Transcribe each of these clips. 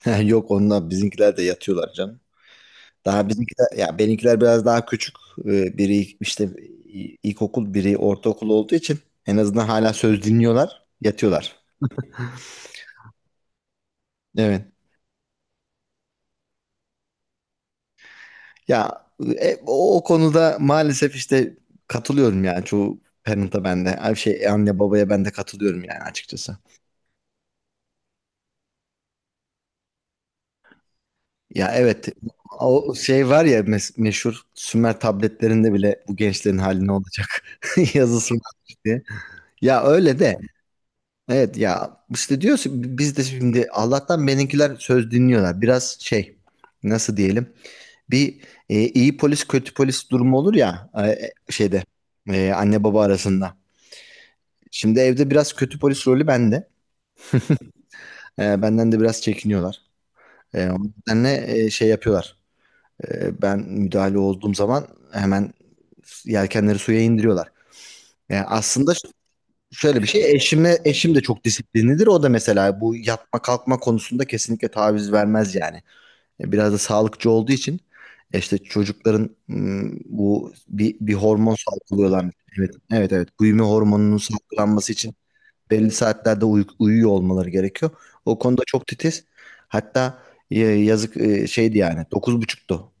Yok, onlar bizimkiler de yatıyorlar canım. Daha bizimkiler ya benimkiler biraz daha küçük. Biri işte ilkokul, biri ortaokul olduğu için en azından hala söz dinliyorlar, yatıyorlar. Evet. Ya o konuda maalesef işte katılıyorum yani çoğu parent'a ben de. Ay, şey anne babaya ben de katılıyorum yani açıkçası. Ya evet, o şey var ya, meşhur Sümer tabletlerinde bile bu gençlerin hali ne olacak yazısı var diye. Ya öyle de. Evet ya işte diyorsun, biz de şimdi Allah'tan benimkiler söz dinliyorlar. Biraz şey, nasıl diyelim, bir iyi polis kötü polis durumu olur ya, şeyde, anne baba arasında. Şimdi evde biraz kötü polis rolü bende. Benden de biraz çekiniyorlar. O nedenle şey yapıyorlar. Ben müdahale olduğum zaman hemen yelkenleri suya indiriyorlar. E, aslında Şöyle bir şey, eşim de çok disiplinlidir. O da mesela bu yatma kalkma konusunda kesinlikle taviz vermez yani. Biraz da sağlıkçı olduğu için işte çocukların bu bir hormon salgılıyorlar. Evet evet evet. Büyüme hormonunun salgılanması için belli saatlerde uyuyor olmaları gerekiyor. O konuda çok titiz. Hatta yazık, şeydi yani dokuz buçuktu,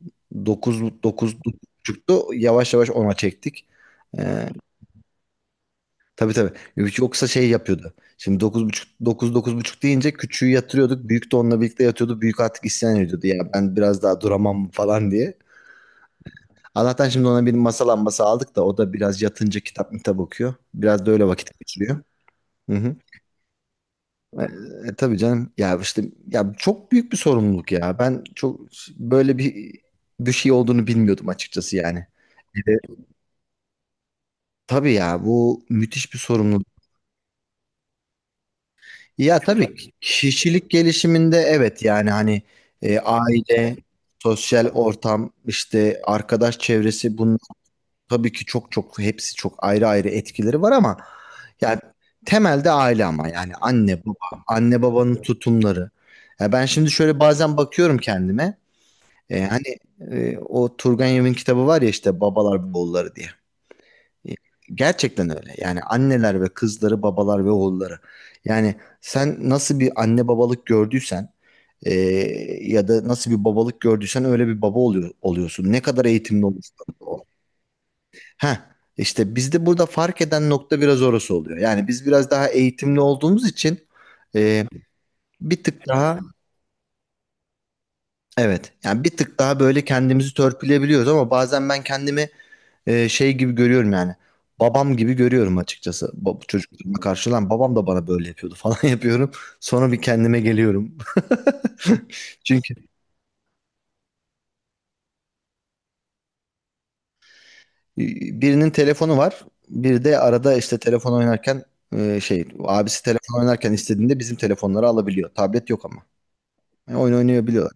dokuz buçuktu. Yavaş yavaş ona çektik. Tabii tabii. Yoksa şey yapıyordu. Şimdi dokuz buçuk, dokuz buçuk deyince küçüğü yatırıyorduk. Büyük de onunla birlikte yatıyordu. Büyük artık isyan ediyordu. Ya ben biraz daha duramam falan diye. Allah'tan şimdi ona bir masa lambası aldık da o da biraz yatınca kitap kitap okuyor. Biraz da öyle vakit geçiriyor. Hı hı. Tabii canım. Ya işte, ya çok büyük bir sorumluluk ya. Ben çok böyle bir şey olduğunu bilmiyordum açıkçası yani. Bir Tabii ya, bu müthiş bir sorumluluk. Ya tabii ki kişilik gelişiminde evet yani hani, aile, sosyal ortam, işte arkadaş çevresi, bunun tabii ki çok çok hepsi çok ayrı ayrı etkileri var ama yani temelde aile, ama yani anne baba, anne babanın tutumları. Ya ben şimdi şöyle bazen bakıyorum kendime. Hani, o Turgenev'in kitabı var ya, işte Babalar Oğulları diye. Gerçekten öyle. Yani anneler ve kızları, babalar ve oğulları. Yani sen nasıl bir anne babalık gördüysen, e, ya da nasıl bir babalık gördüysen öyle bir baba oluyor, oluyorsun. Ne kadar eğitimli olursan ol. Heh, işte bizde burada fark eden nokta biraz orası oluyor. Yani biz biraz daha eğitimli olduğumuz için e, bir tık daha, evet yani bir tık daha böyle kendimizi törpüleyebiliyoruz, ama bazen ben kendimi şey gibi görüyorum yani. Babam gibi görüyorum açıkçası. Çocukluğuma karşı lan babam da bana böyle yapıyordu, falan yapıyorum. Sonra bir kendime geliyorum. Çünkü birinin telefonu var. Bir de arada işte telefon oynarken, şey, abisi telefon oynarken istediğinde bizim telefonları alabiliyor. Tablet yok ama. Yani oyun oynayabiliyorlar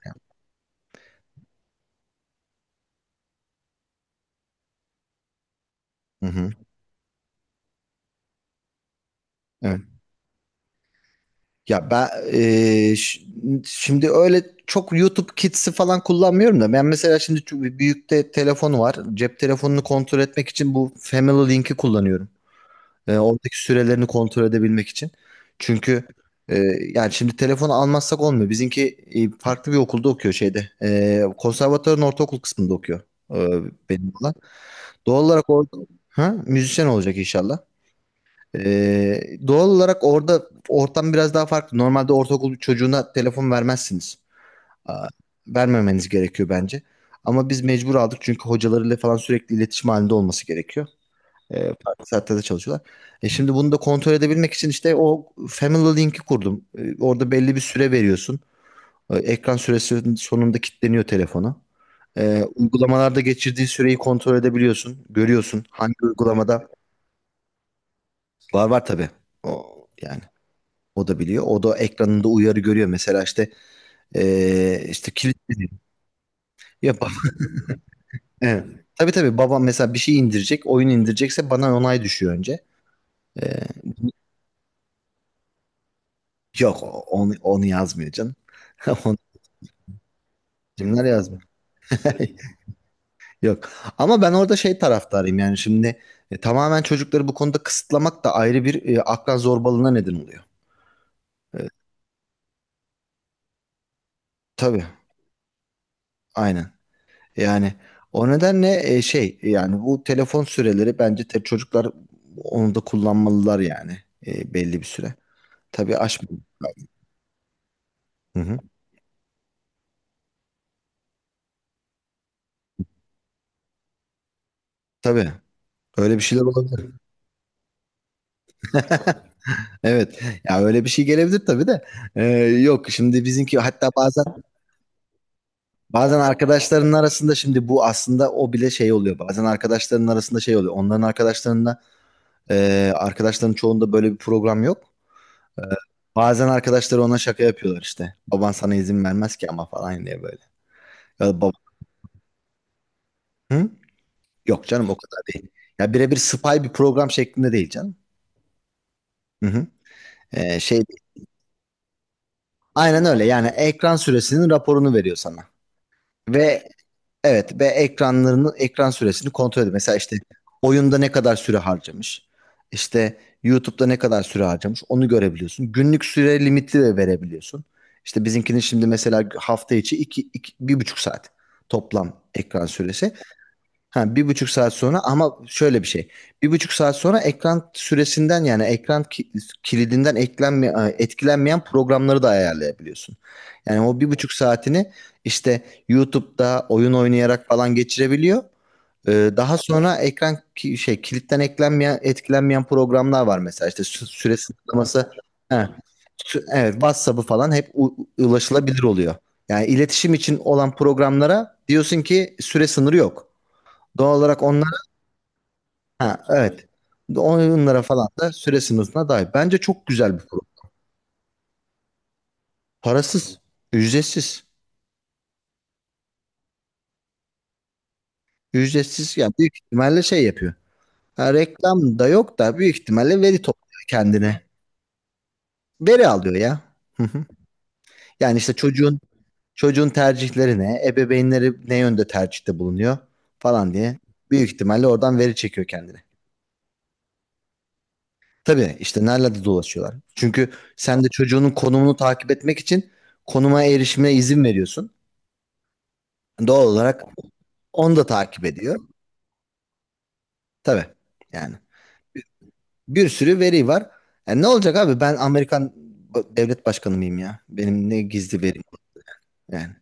yani. Hı hı. Evet. Ya ben eee, ş- şimdi öyle çok YouTube Kids'i falan kullanmıyorum da, ben mesela şimdi büyükte telefon var. Cep telefonunu kontrol etmek için bu Family Link'i kullanıyorum. Oradaki sürelerini kontrol edebilmek için. Çünkü yani şimdi telefonu almazsak olmuyor. Bizimki farklı bir okulda okuyor şeyde. Konservatuvarın ortaokul kısmında okuyor, eee, benim olan. Doğal olarak orada, ha, müzisyen olacak inşallah. Ee, Doğal olarak orada ortam biraz daha farklı. Normalde ortaokul çocuğuna telefon vermezsiniz. Aa, vermemeniz gerekiyor bence. Ama biz mecbur aldık, çünkü hocalarıyla falan sürekli iletişim halinde olması gerekiyor. Farklı saatlerde çalışıyorlar. Şimdi bunu da kontrol edebilmek için işte o Family Link'i kurdum. Orada belli bir süre veriyorsun. Ekran süresinin sonunda kilitleniyor telefonu. Uygulamalarda geçirdiği süreyi kontrol edebiliyorsun. Görüyorsun hangi uygulamada. Var var, tabii. O, yani. O da biliyor. O da ekranında uyarı görüyor. Mesela işte işte kilitli ya, bak. Evet. Tabii tabii, babam mesela bir şey indirecek, oyun indirecekse bana onay düşüyor önce. Eee, Yok, onu yazmıyor canım. Onu kimler yazmıyor. Yok. Ama ben orada şey taraftarıyım yani, şimdi tamamen çocukları bu konuda kısıtlamak da ayrı bir akran zorbalığına neden oluyor. E, tabii. Aynen. Yani o nedenle şey yani, bu telefon süreleri bence, çocuklar onu da kullanmalılar yani, belli bir süre. Tabii aşmıyor. Hı hı. Tabii. Öyle bir şeyler olabilir. Evet. Ya öyle bir şey gelebilir tabii de. Ee, Yok, şimdi bizimki hatta bazen arkadaşlarının arasında, şimdi bu aslında o bile şey oluyor. Bazen arkadaşlarının arasında şey oluyor. Onların arkadaşlarında, arkadaşların çoğunda böyle bir program yok. Bazen arkadaşları ona şaka yapıyorlar işte. Baban sana izin vermez ki ama falan diye, böyle. Ya da. Hı? Yok canım, o kadar değil. Ya birebir spy bir program şeklinde değil canım. Hı hı. Şey, aynen öyle yani, ekran süresinin raporunu veriyor sana. Ve evet, ve ekran süresini kontrol ediyor. Mesela işte oyunda ne kadar süre harcamış. İşte YouTube'da ne kadar süre harcamış, onu görebiliyorsun. Günlük süre limiti de verebiliyorsun. İşte bizimkinin şimdi mesela hafta içi iki, iki, 1,5 saat toplam ekran süresi. Ha, 1,5 saat sonra ama şöyle bir şey. 1,5 saat sonra ekran süresinden yani, kilidinden, etkilenmeyen programları da ayarlayabiliyorsun. Yani o 1,5 saatini işte YouTube'da oyun oynayarak falan geçirebiliyor. Daha sonra ekran ki- şey kilitten etkilenmeyen programlar var, mesela işte süre sınırlaması. He. Evet, WhatsApp'ı falan hep ulaşılabilir oluyor. Yani iletişim için olan programlara diyorsun ki süre sınırı yok. Doğal olarak onlara, ha, evet. Onlara falan da süre sınırına dahil. Bence çok güzel bir program. Parasız, ücretsiz. Ücretsiz yani büyük ihtimalle şey yapıyor. Ha, reklam da yok da büyük ihtimalle veri topluyor kendine. Veri alıyor ya. Hı hı. Yani işte çocuğun tercihleri ne, ebeveynleri ne yönde tercihte bulunuyor falan diye büyük ihtimalle oradan veri çekiyor kendine. Tabii, işte nerelerde dolaşıyorlar. Çünkü sen de çocuğunun konumunu takip etmek için konuma erişimine izin veriyorsun. Doğal olarak onu da takip ediyor. Tabii yani. Bir sürü veri var. Yani ne olacak abi, ben Amerikan devlet başkanı mıyım ya? Benim ne gizli verim yani.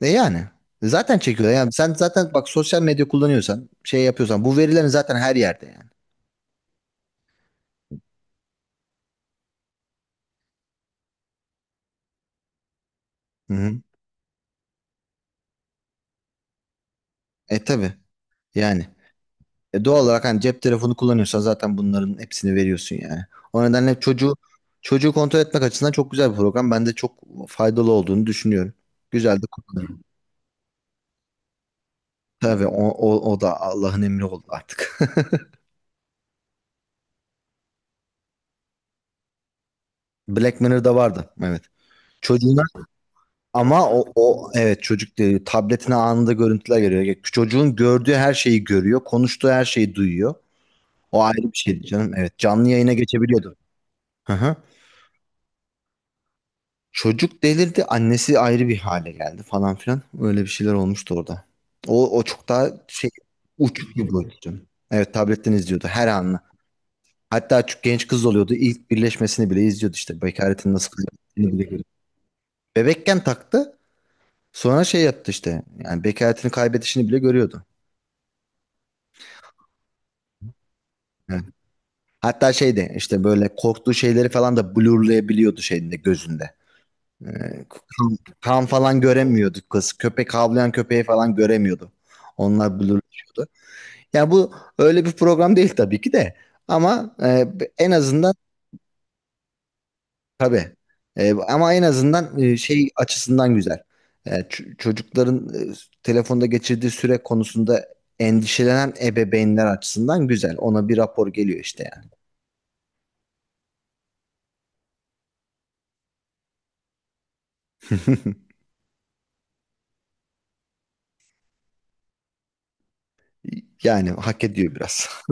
Yani. Zaten çekiyor. Yani sen zaten bak, sosyal medya kullanıyorsan, şey yapıyorsan, bu verilerin zaten her yerde yani. Hı-hı. Tabii yani. Doğal olarak hani cep telefonu kullanıyorsan zaten bunların hepsini veriyorsun yani. O nedenle çocuğu kontrol etmek açısından çok güzel bir program. Ben de çok faydalı olduğunu düşünüyorum. Güzel de kullanıyorum. Tabii o da Allah'ın emri oldu artık. Black Mirror'da vardı. Evet. Çocuğuna, ama o evet, çocuk diyor, tabletine anında görüntüler geliyor. Çocuğun gördüğü her şeyi görüyor. Konuştuğu her şeyi duyuyor. O ayrı bir şeydi canım. Evet, canlı yayına geçebiliyordu. Hı hı. Çocuk delirdi. Annesi ayrı bir hale geldi falan filan. Öyle bir şeyler olmuştu orada. O çok daha şey, uç bir boyuttu canım. Evet, tabletten izliyordu her anını. Hatta çok genç kız oluyordu. İlk birleşmesini bile izliyordu işte. Bekaretin nasıl kızardığını bile görüyordu. Bebekken taktı. Sonra şey yaptı işte. Yani bekaretini kaybedişini bile görüyordu. Evet. Hatta şeyde işte böyle korktuğu şeyleri falan da blurlayabiliyordu şeyinde, gözünde. Ee, kan falan göremiyordu kız. Köpek, havlayan köpeği falan göremiyordu. Onlar blurlaşıyordu. Yani bu öyle bir program değil tabii ki de. Ama en azından. Tabii. Ama en azından şey açısından güzel. Çocukların, telefonda geçirdiği süre konusunda endişelenen ebeveynler açısından güzel. Ona bir rapor geliyor işte yani. Yani hak ediyor biraz.